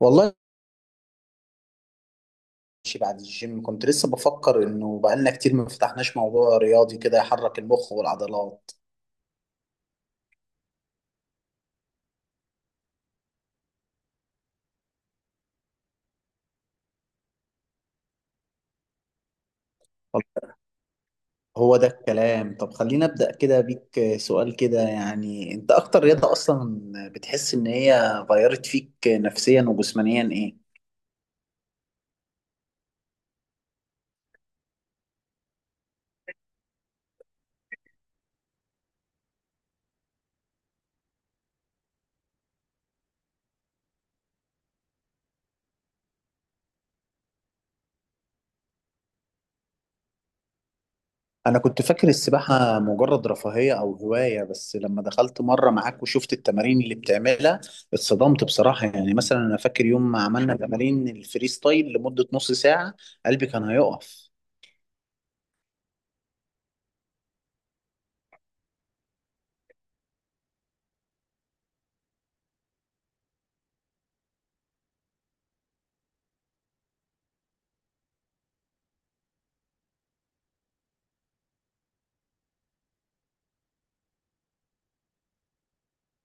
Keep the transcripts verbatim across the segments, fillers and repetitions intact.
والله ماشي. بعد الجيم كنت لسه بفكر انه بقالنا كتير ما فتحناش موضوع رياضي كده يحرك المخ والعضلات. هو ده الكلام. طب خلينا ابدا كده بيك سؤال كده، يعني انت اكتر رياضة اصلا بتحس ان هي غيرت فيك نفسيا وجسمانيا ايه؟ انا كنت فاكر السباحة مجرد رفاهية او هواية، بس لما دخلت مرة معاك وشفت التمارين اللي بتعملها اتصدمت بصراحة. يعني مثلا انا فاكر يوم ما عملنا تمارين الفري ستايل لمدة نص ساعة قلبي كان هيقف.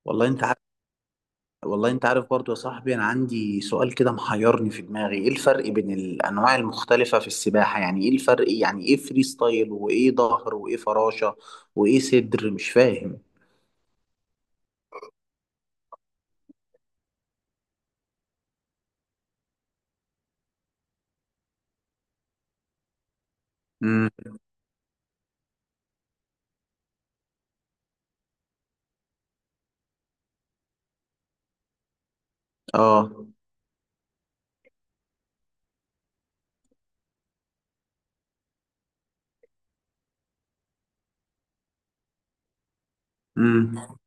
والله انت والله انت عارف برضو يا صاحبي، انا عندي سؤال كده محيرني في دماغي، ايه الفرق بين الانواع المختلفة في السباحة؟ يعني ايه الفرق إيه؟ يعني ايه فري ستايل وايه ظهر وايه فراشة وايه صدر؟ مش فاهم. امم. اه. امم.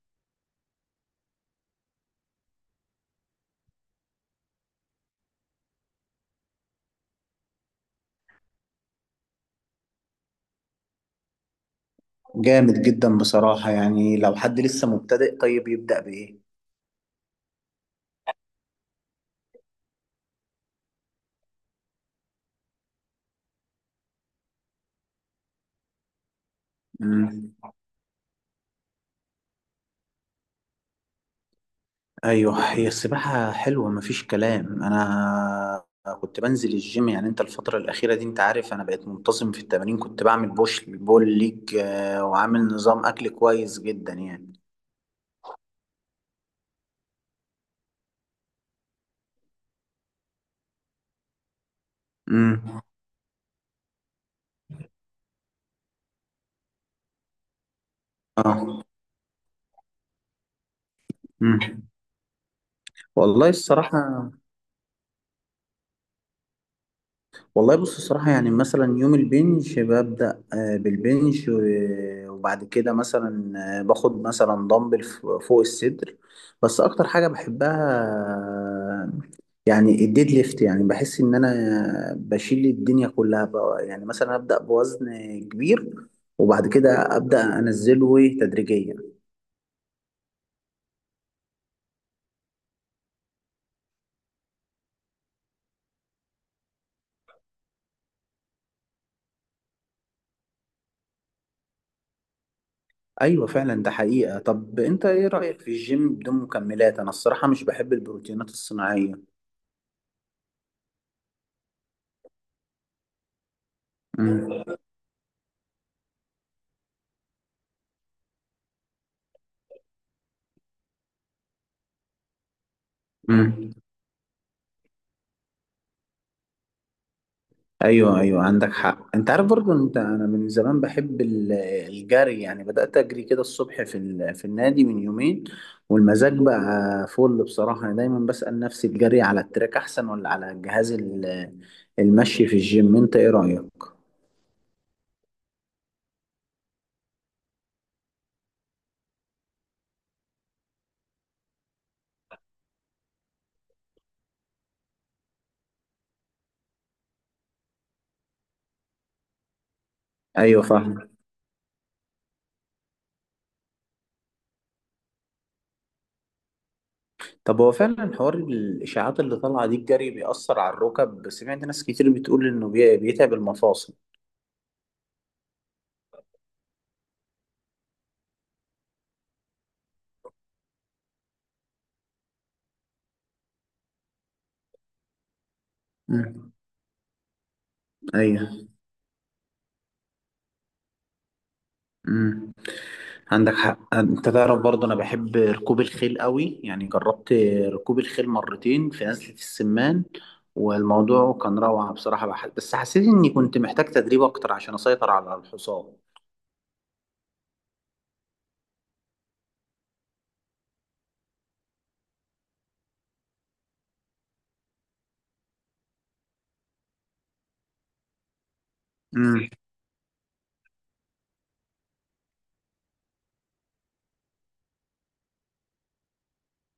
جامد جدا بصراحة. يعني لو حد لسه مبتدئ طيب يبدأ بايه؟ ايوه هي السباحه حلوه مفيش كلام. انا كنت بنزل الجيم، يعني انت الفتره الاخيره دي انت عارف انا بقيت منتظم في التمارين، كنت بعمل بوش بول ليج، آه، وعامل نظام اكل كويس جدا يعني. امم. اه. امم. والله الصراحه. والله بص الصراحة، يعني مثلا يوم البنش ببدأ آه، بالبنش، و- وبعد كده مثلا آه، باخد مثلا دمبل ف- فوق الصدر. بس أكتر حاجة بحبها، آه، يعني الديد ليفت. يعني بحس إن أنا بشيل الدنيا كلها بقى. يعني مثلا أبدأ بوزن كبير وبعد كده أبدأ أنزله إيه تدريجيا. أيوة فعلا ده حقيقة. طب أنت إيه رأيك في الجيم بدون مكملات؟ أنا الصراحة مش بحب البروتينات الصناعية. مم. مم. ايوه ايوه عندك حق. انت عارف برضو انت، انا من زمان بحب ال- الجري، يعني بدأت اجري كده الصبح في ال- في النادي من يومين، والمزاج بقى فل بصراحة. انا دايما بسأل نفسي الجري على التراك احسن ولا على جهاز ال- المشي في الجيم؟ انت ايه رأيك؟ ايوه فاهم. طب هو فعلا حوار الاشاعات اللي طالعة دي، الجري بيأثر على الركب؟ سمعت ناس كتير بتقول انه بي- بيتعب المفاصل. مم. ايوه. مم. عندك حق. انت تعرف برضه انا بحب ركوب الخيل قوي، يعني جربت ركوب الخيل مرتين في نزلة السمان، والموضوع كان روعة بصراحة. بح... بس حسيت اني كنت محتاج تدريب اكتر عشان اسيطر على الحصان. مم.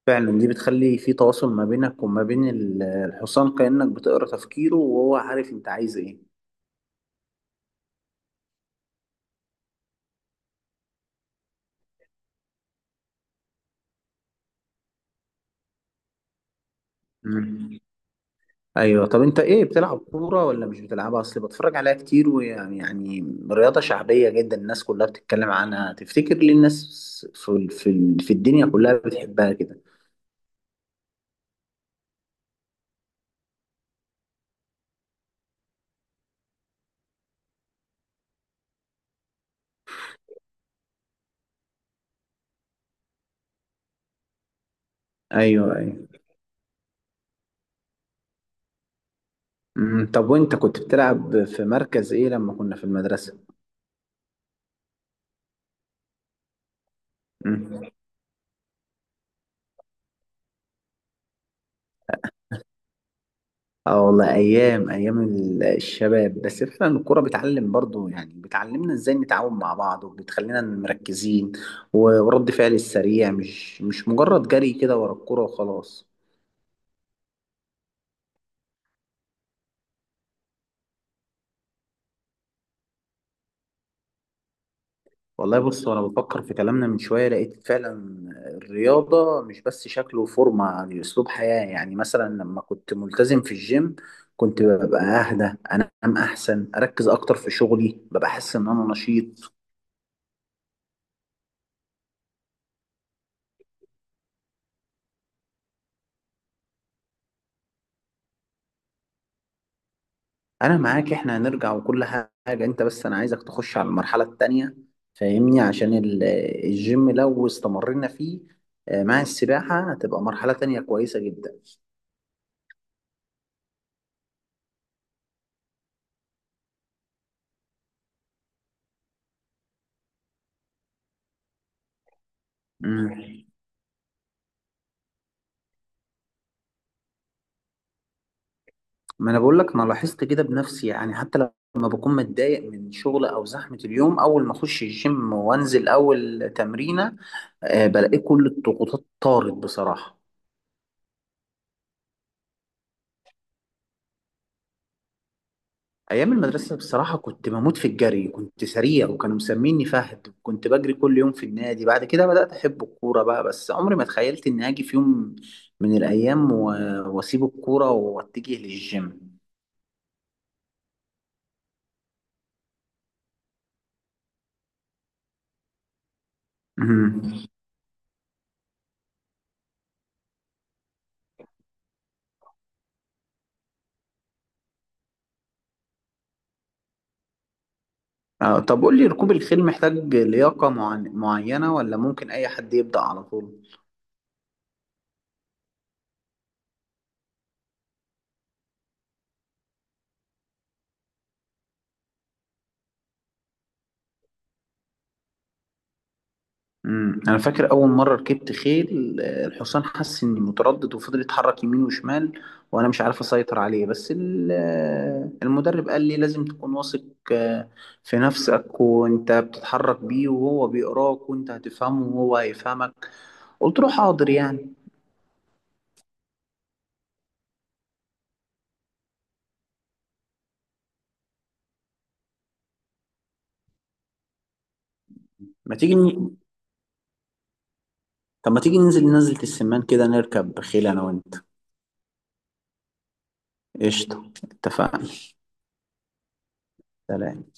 فعلا دي بتخلي في تواصل ما بينك وما بين ال- الحصان، كأنك بتقرأ تفكيره وهو عارف انت عايز ايه. مم. ايوه. طب انت ايه، بتلعب كوره ولا مش بتلعبها؟ اصل بتفرج عليها كتير، ويعني يعني رياضه شعبيه جدا، الناس كلها بتتكلم عنها. تفتكر ليه الناس في ال- في ال- في الدنيا كلها بتحبها كده؟ ايوه ايوه. أمم، طب وانت كنت بتلعب في مركز ايه لما كنا في المدرسه؟ أمم. اه والله ايام، ايام ال- الشباب. بس فعلا الكوره بتعلم برضو، يعني بتعلمنا ازاي نتعاون مع بعض وبتخلينا مركزين، و- ورد فعل السريع، مش مش مجرد جري كده ورا الكوره وخلاص. والله بص، وانا بفكر في كلامنا من شويه لقيت فعلا الرياضه مش بس شكل وفورمه، يعني اسلوب حياه. يعني مثلا لما كنت ملتزم في الجيم كنت ببقى اهدى، انام احسن، اركز اكتر في شغلي، ببقى احس ان انا نشيط. انا معاك، احنا هنرجع وكل حاجه. انت بس انا عايزك تخش على المرحله التانيه فاهمني، عشان ال- الجيم لو استمرنا فيه آه، مع السباحه هتبقى مرحله تانيه كويسه جدا. مم. ما انا بقول لك انا لاحظت كده بنفسي. يعني حتى لما بكون متضايق من شغل او زحمه اليوم، اول ما اخش الجيم وانزل اول تمرينه آه، بلاقي كل الضغوطات طارت بصراحه. ايام المدرسه بصراحه كنت بموت في الجري، كنت سريع وكانوا مسميني فهد، كنت بجري كل يوم في النادي. بعد كده بدات احب الكوره بقى، بس عمري ما تخيلت اني هاجي في يوم من الايام و- واسيب الكوره واتجه للجيم. مم. آه، طب قول لي، ركوب الخيل محتاج لياقة معن- معينة ولا ممكن أي حد يبدأ على طول؟ مم. أنا فاكر أول مرة ركبت خيل، آه، الحصان حس إني متردد وفضل يتحرك يمين وشمال، وأنا مش عارف أسيطر عليه. بس ال- آه، المدرب قال لي لازم تكون واثق آه، في نفسك، وأنت بتتحرك بيه وهو بيقراك، وأنت هتفهمه وهو هيفهمك. قلت له حاضر يعني. ما تيجي ن- طب ما تيجي ننزل نزلة السمان كده نركب خيل أنا وأنت؟ قشطة اتفقنا. سلام.